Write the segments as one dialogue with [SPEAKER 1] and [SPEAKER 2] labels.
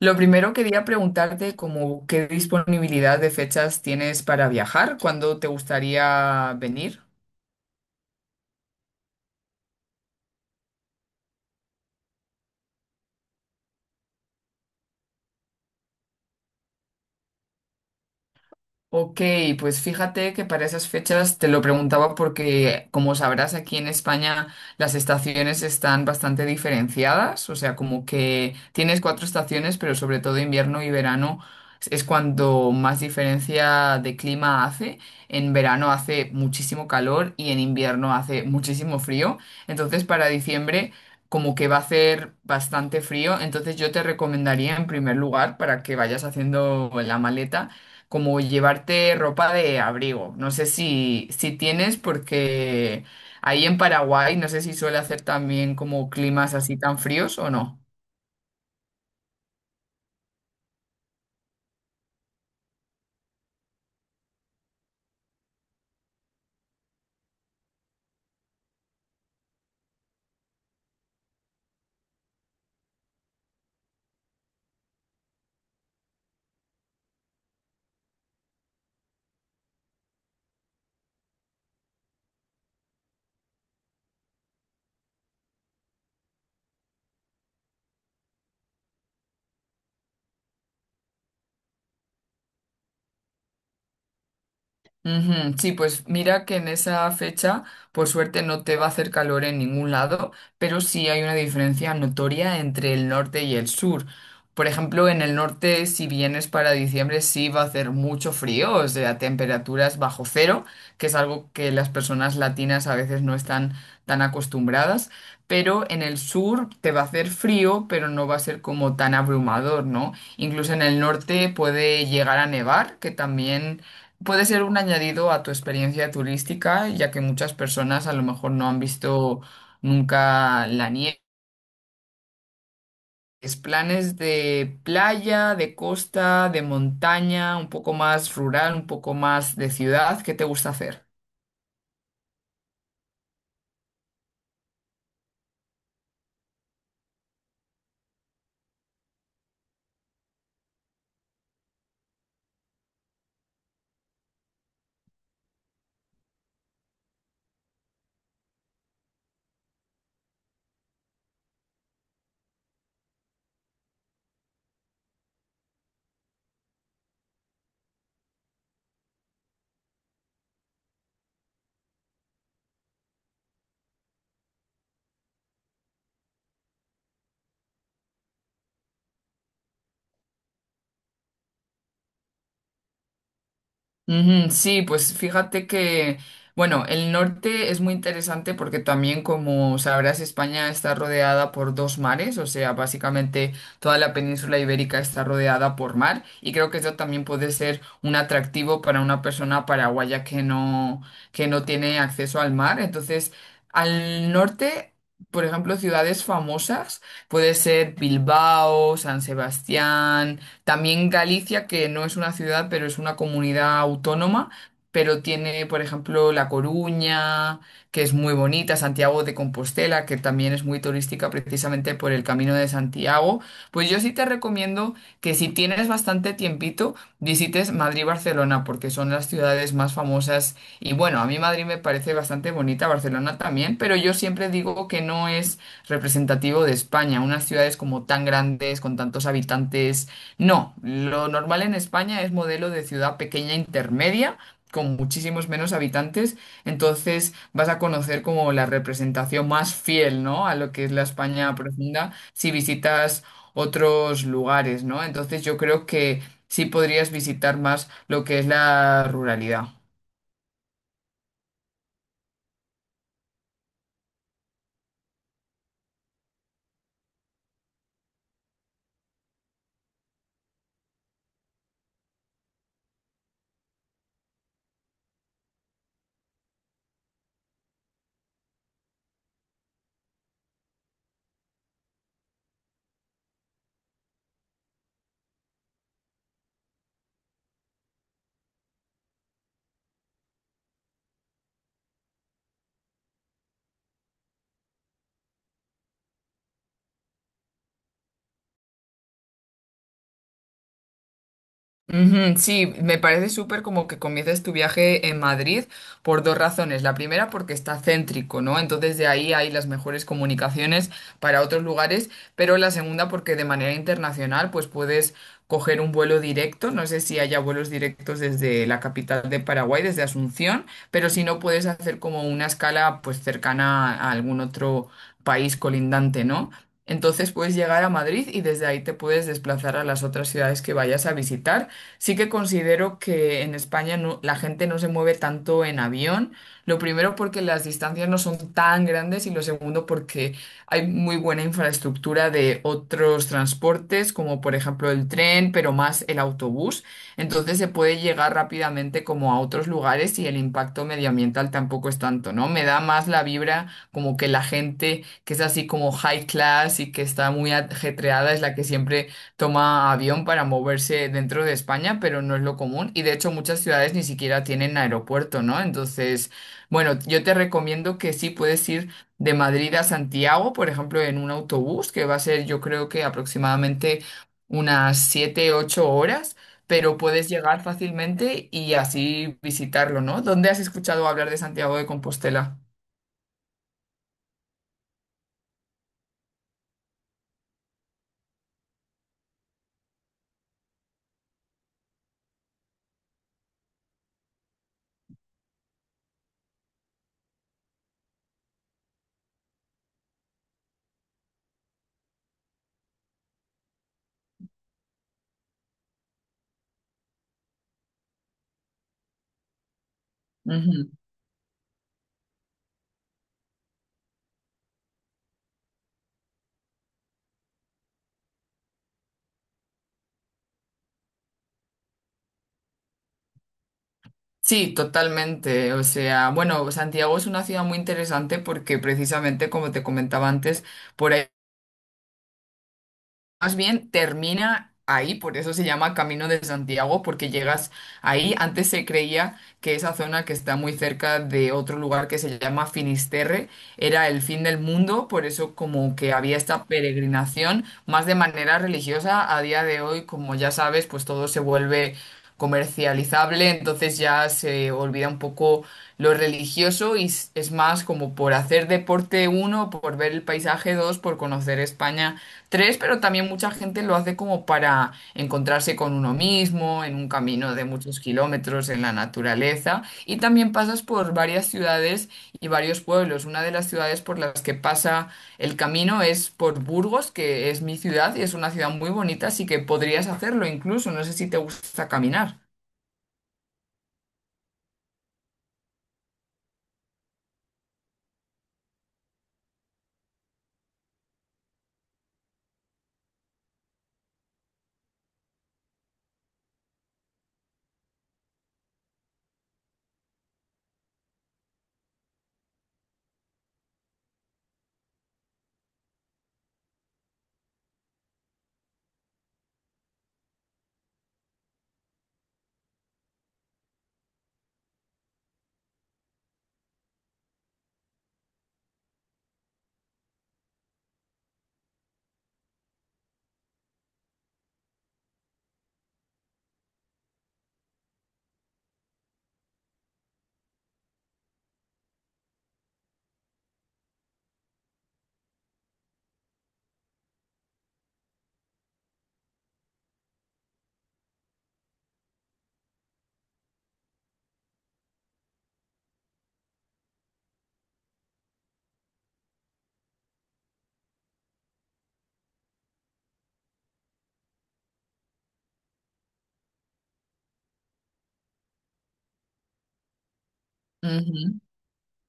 [SPEAKER 1] Lo primero quería preguntarte como qué disponibilidad de fechas tienes para viajar, cuándo te gustaría venir. Ok, pues fíjate que para esas fechas te lo preguntaba porque, como sabrás, aquí en España las estaciones están bastante diferenciadas, o sea, como que tienes cuatro estaciones, pero sobre todo invierno y verano es cuando más diferencia de clima hace. En verano hace muchísimo calor y en invierno hace muchísimo frío. Entonces, para diciembre, como que va a hacer bastante frío, entonces yo te recomendaría en primer lugar, para que vayas haciendo la maleta, como llevarte ropa de abrigo. No sé si tienes, porque ahí en Paraguay no sé si suele hacer también como climas así tan fríos o no. Ujú. Sí, pues mira que en esa fecha, por suerte, no te va a hacer calor en ningún lado, pero sí hay una diferencia notoria entre el norte y el sur. Por ejemplo, en el norte, si vienes para diciembre, sí va a hacer mucho frío, o sea, temperaturas bajo cero, que es algo que las personas latinas a veces no están tan acostumbradas, pero en el sur te va a hacer frío, pero no va a ser como tan abrumador, ¿no? Incluso en el norte puede llegar a nevar, que también puede ser un añadido a tu experiencia turística, ya que muchas personas a lo mejor no han visto nunca la nieve. Es planes de playa, de costa, de montaña, un poco más rural, un poco más de ciudad, ¿qué te gusta hacer? Ujú. Sí, pues fíjate que, bueno, el norte es muy interesante porque también, como sabrás, España está rodeada por dos mares, o sea, básicamente toda la península ibérica está rodeada por mar y creo que eso también puede ser un atractivo para una persona paraguaya que no tiene acceso al mar. Entonces, al norte, por ejemplo, ciudades famosas, puede ser Bilbao, San Sebastián, también Galicia, que no es una ciudad, pero es una comunidad autónoma, pero tiene, por ejemplo, La Coruña, que es muy bonita, Santiago de Compostela, que también es muy turística precisamente por el Camino de Santiago. Pues yo sí te recomiendo que si tienes bastante tiempito, visites Madrid y Barcelona, porque son las ciudades más famosas. Y bueno, a mí Madrid me parece bastante bonita, Barcelona también, pero yo siempre digo que no es representativo de España. Unas ciudades como tan grandes, con tantos habitantes no, lo normal en España es modelo de ciudad pequeña intermedia, con muchísimos menos habitantes, entonces vas a conocer como la representación más fiel, ¿no? A lo que es la España profunda, si visitas otros lugares, ¿no? Entonces yo creo que sí podrías visitar más lo que es la ruralidad. Ujú. Sí, me parece súper como que comiences tu viaje en Madrid por dos razones. La primera, porque está céntrico, ¿no? Entonces de ahí hay las mejores comunicaciones para otros lugares, pero la segunda, porque de manera internacional, pues puedes coger un vuelo directo. No sé si haya vuelos directos desde la capital de Paraguay, desde Asunción, pero si no, puedes hacer como una escala pues cercana a algún otro país colindante, ¿no? Entonces puedes llegar a Madrid y desde ahí te puedes desplazar a las otras ciudades que vayas a visitar. Sí que considero que en España no- la gente no se mueve tanto en avión. Lo primero porque las distancias no son tan grandes y lo segundo porque hay muy buena infraestructura de otros transportes, como por ejemplo el tren, pero más el autobús. Entonces se puede llegar rápidamente como a otros lugares y el impacto medioambiental tampoco es tanto, ¿no? Me da más la vibra como que la gente que es así como high class y que está muy ajetreada es la que siempre toma avión para moverse dentro de España, pero no es lo común y de hecho muchas ciudades ni siquiera tienen aeropuerto, ¿no? Entonces, bueno, yo te recomiendo que sí puedes ir de Madrid a Santiago, por ejemplo, en un autobús, que va a ser yo creo que aproximadamente unas 7 u 8 horas, pero puedes llegar fácilmente y así visitarlo, ¿no? ¿Dónde has escuchado hablar de Santiago de Compostela? Ujú. Sí, totalmente. O sea, bueno, Santiago es una ciudad muy interesante porque precisamente, como te comentaba antes, por ahí más bien termina ahí, por eso se llama Camino de Santiago, porque llegas ahí. Antes se creía que esa zona que está muy cerca de otro lugar que se llama Finisterre era el fin del mundo, por eso como que había esta peregrinación, más de manera religiosa. A día de hoy, como ya sabes, pues todo se vuelve comercializable, entonces ya se olvida un poco lo religioso y es más como por hacer deporte uno, por ver el paisaje dos, por conocer España tres, pero también mucha gente lo hace como para encontrarse con uno mismo, en un camino de muchos kilómetros, en la naturaleza y también pasas por varias ciudades y varios pueblos. Una de las ciudades por las que pasa el camino es por Burgos, que es mi ciudad y es una ciudad muy bonita, así que podrías hacerlo incluso. No sé si te gusta caminar.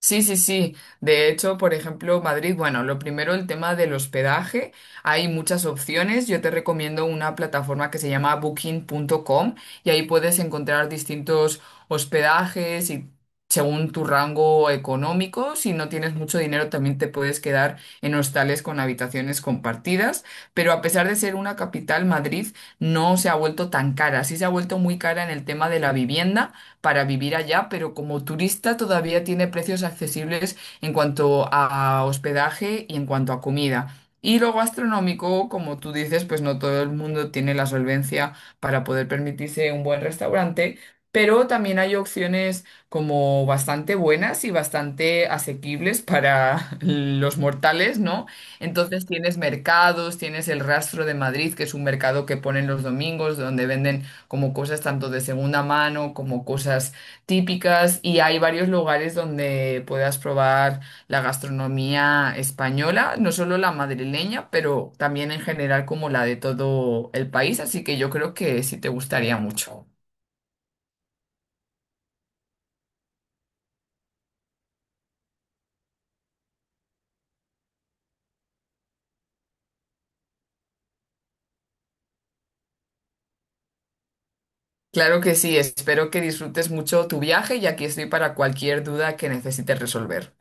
[SPEAKER 1] Sí, sí, sí. De hecho, por ejemplo, Madrid, bueno, lo primero, el tema del hospedaje. Hay muchas opciones. Yo te recomiendo una plataforma que se llama booking.com y ahí puedes encontrar distintos hospedajes y según tu rango económico, si no tienes mucho dinero, también te puedes quedar en hostales con habitaciones compartidas. Pero a pesar de ser una capital, Madrid no se ha vuelto tan cara. Sí se ha vuelto muy cara en el tema de la vivienda para vivir allá, pero como turista todavía tiene precios accesibles en cuanto a hospedaje y en cuanto a comida. Y lo gastronómico, como tú dices, pues no todo el mundo tiene la solvencia para poder permitirse un buen restaurante, pero también hay opciones como bastante buenas y bastante asequibles para los mortales, ¿no? Entonces tienes mercados, tienes el Rastro de Madrid, que es un mercado que ponen los domingos, donde venden como cosas tanto de segunda mano como cosas típicas y hay varios lugares donde puedas probar la gastronomía española, no solo la madrileña, pero también en general como la de todo el país, así que yo creo que sí te gustaría mucho. Claro que sí, espero que disfrutes mucho tu viaje y aquí estoy para cualquier duda que necesites resolver.